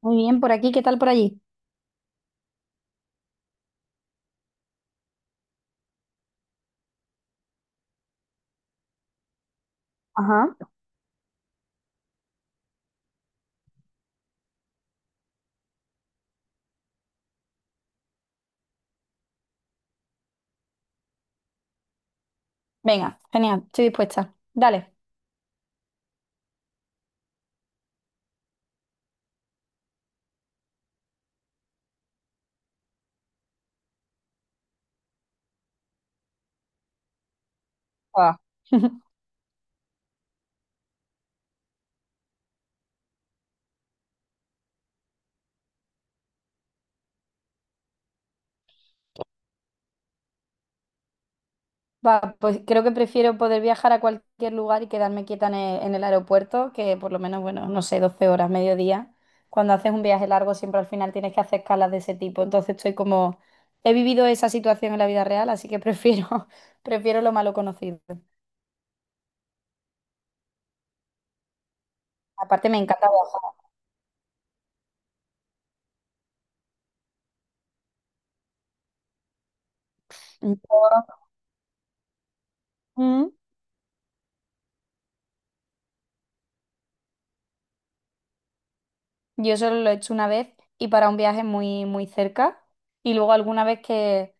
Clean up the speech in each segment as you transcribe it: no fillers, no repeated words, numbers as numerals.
Muy bien, por aquí, ¿qué tal por allí? Ajá. Venga, genial, estoy dispuesta. Dale. Va. Va, pues creo que prefiero poder viajar a cualquier lugar y quedarme quieta en el aeropuerto, que por lo menos, bueno, no sé, 12 horas, mediodía. Cuando haces un viaje largo, siempre al final tienes que hacer escalas de ese tipo. Entonces estoy como, he vivido esa situación en la vida real, así que prefiero, prefiero lo malo conocido. Aparte me encanta viajar. Yo, mm, yo solo lo he hecho una vez y para un viaje muy, muy cerca. Y luego alguna vez que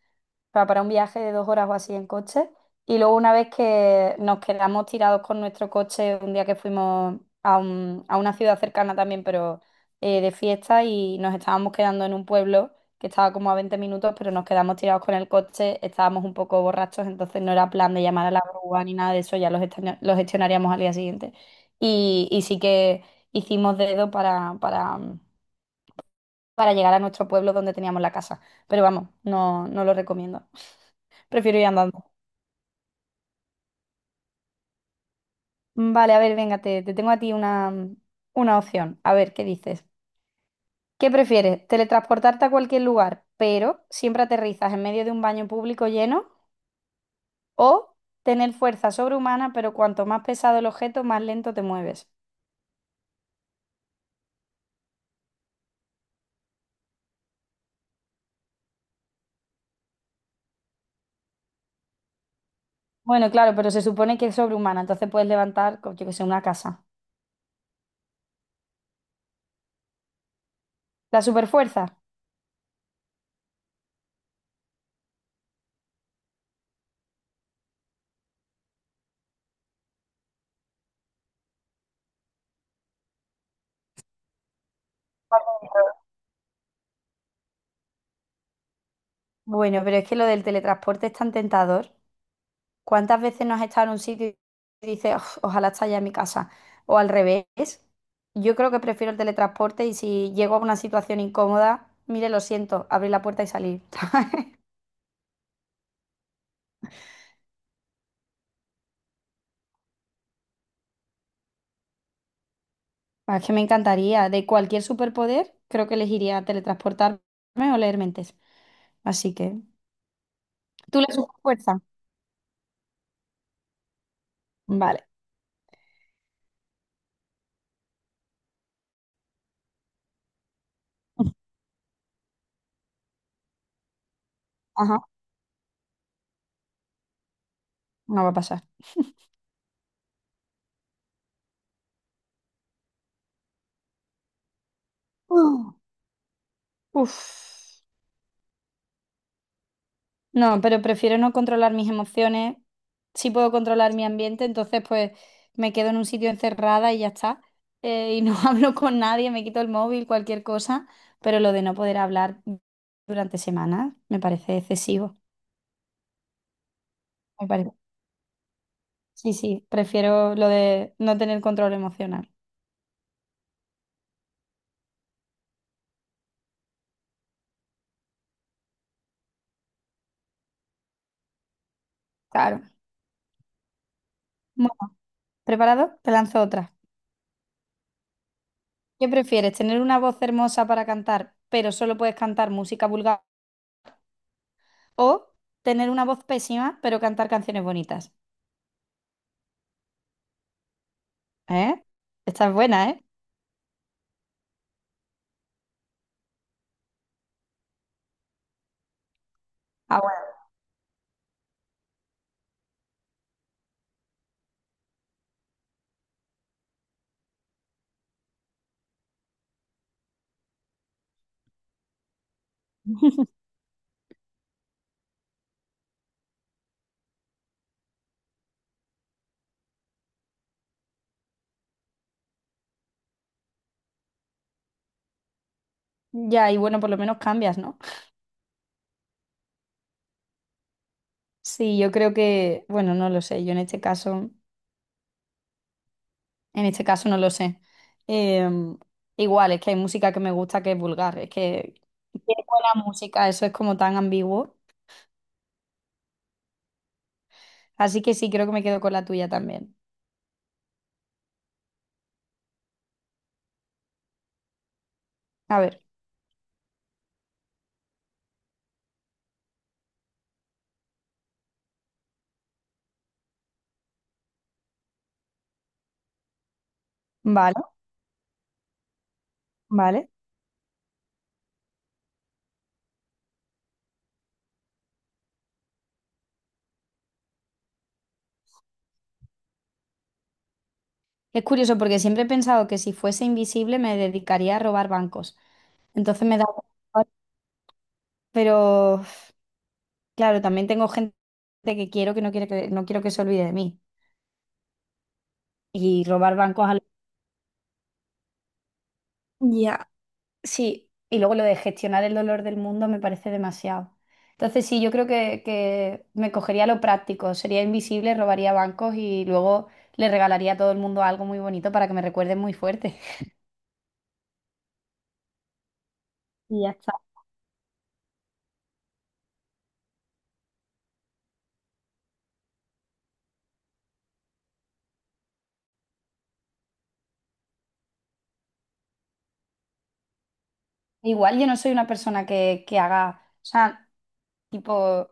sea, para un viaje de 2 horas o así en coche. Y luego una vez que nos quedamos tirados con nuestro coche, un día que fuimos a, a una ciudad cercana también, pero de fiesta, y nos estábamos quedando en un pueblo que estaba como a 20 minutos, pero nos quedamos tirados con el coche, estábamos un poco borrachos, entonces no era plan de llamar a la grúa ni nada de eso, ya los gestionaríamos al día siguiente. Y sí que hicimos dedo para llegar a nuestro pueblo donde teníamos la casa. Pero vamos, no, no lo recomiendo. Prefiero ir andando. Mm, Vale, a ver, venga, te tengo a ti una opción. A ver, ¿qué dices? ¿Qué prefieres? ¿Teletransportarte a cualquier lugar, pero siempre aterrizas en medio de un baño público lleno? ¿O tener fuerza sobrehumana, pero cuanto más pesado el objeto, más lento te mueves? Bueno, claro, pero se supone que es sobrehumana, entonces puedes levantar, yo que sé, una casa. ¿La superfuerza? Bueno, pero es que lo del teletransporte es tan tentador. ¿Cuántas veces no has estado en un sitio y dices: "Uf, ojalá esté ya en mi casa"? O al revés. Yo creo que prefiero el teletransporte y si llego a una situación incómoda, mire, lo siento, abrir la puerta y salir. Ah, es que me encantaría. De cualquier superpoder, creo que elegiría teletransportarme o leer mentes. Así que, ¿tú le sumas fuerza? Vale. Ajá, no va a pasar. Uh, Uf. No, pero prefiero no controlar mis emociones. Sí puedo controlar mi ambiente, entonces pues me quedo en un sitio encerrada y ya está. Y no hablo con nadie, me quito el móvil, cualquier cosa. Pero lo de no poder hablar durante semanas me parece excesivo. Me parece. Sí, sí, prefiero lo de no tener control emocional. Claro. Bueno, ¿preparado? Te lanzo otra. ¿Qué prefieres? ¿Tener una voz hermosa para cantar, pero solo puedes cantar música vulgar? ¿O tener una voz pésima, pero cantar canciones bonitas? ¿Eh? Esta es buena, ¿eh? Ah, bueno. Ya, y bueno, por lo menos cambias, ¿no? Sí, yo creo que, bueno, no lo sé. Yo en este caso no lo sé. Em, Igual, es que hay música que me gusta que es vulgar. Es que, ¿qué es buena música? Eso es como tan ambiguo. Así que sí, creo que me quedo con la tuya también. A ver, vale, vale. Es curioso porque siempre he pensado que si fuese invisible me dedicaría a robar bancos. Entonces me da... Pero claro, también tengo gente que quiero que no quiere que no quiero que se olvide de mí. Y robar bancos. Ya, sí, y luego lo de gestionar el dolor del mundo me parece demasiado. Entonces sí, yo creo que me cogería lo práctico, sería invisible, robaría bancos y luego le regalaría a todo el mundo algo muy bonito para que me recuerden muy fuerte. Y ya está. Igual yo no soy una persona que haga, o sea, tipo,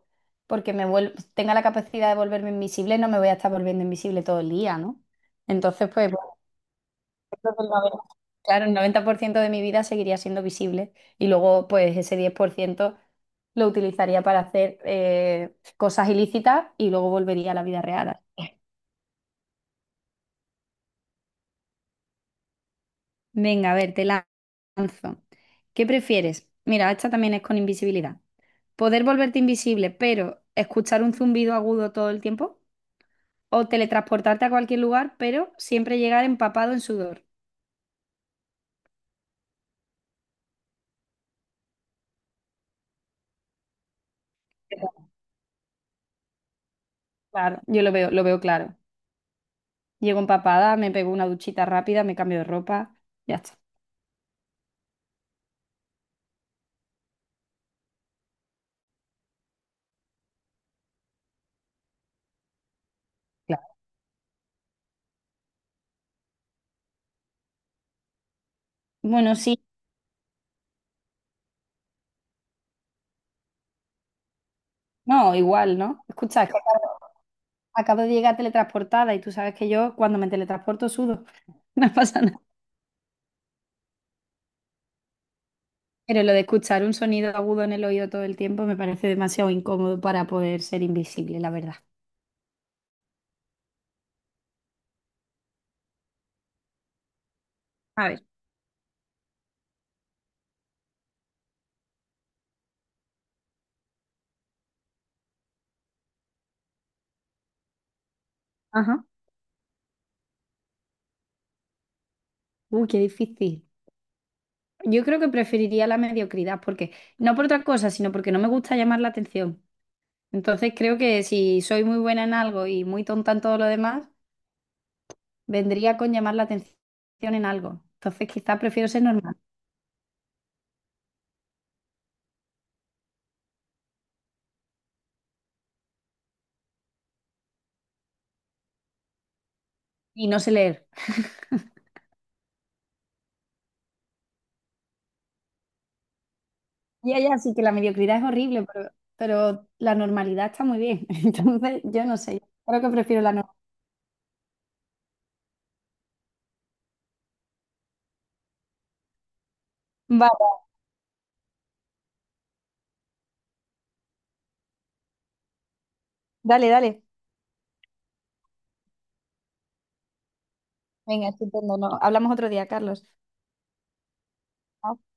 porque tenga la capacidad de volverme invisible, no me voy a estar volviendo invisible todo el día, ¿no? Entonces, pues... el 90 Claro, el 90% de mi vida seguiría siendo visible y luego pues ese 10% lo utilizaría para hacer cosas ilícitas y luego volvería a la vida real. Así que, venga, a ver, te lanzo. ¿Qué prefieres? Mira, esta también es con invisibilidad. ¿Poder volverte invisible, pero escuchar un zumbido agudo todo el tiempo? ¿O teletransportarte a cualquier lugar, pero siempre llegar empapado en sudor? Claro, yo lo veo claro. Llego empapada, me pego una duchita rápida, me cambio de ropa, ya está. Claro. Bueno, sí, no, igual, ¿no? Escucha, es que acabo de llegar teletransportada y tú sabes que yo cuando me teletransporto sudo, no pasa nada. Pero lo de escuchar un sonido agudo en el oído todo el tiempo me parece demasiado incómodo para poder ser invisible, la verdad. A ver, ajá. Uy, qué difícil. Yo creo que preferiría la mediocridad, porque no por otra cosa, sino porque no me gusta llamar la atención. Entonces creo que si soy muy buena en algo y muy tonta en todo lo demás, vendría con llamar la atención en algo. Entonces, quizás prefiero ser normal y no sé leer. Ya, ya, sí que la mediocridad es horrible, pero la normalidad está muy bien. Entonces, yo no sé, creo que prefiero la normalidad. Vale, dale, dale. Venga, estupendo, no, hablamos otro día, Carlos. Chao.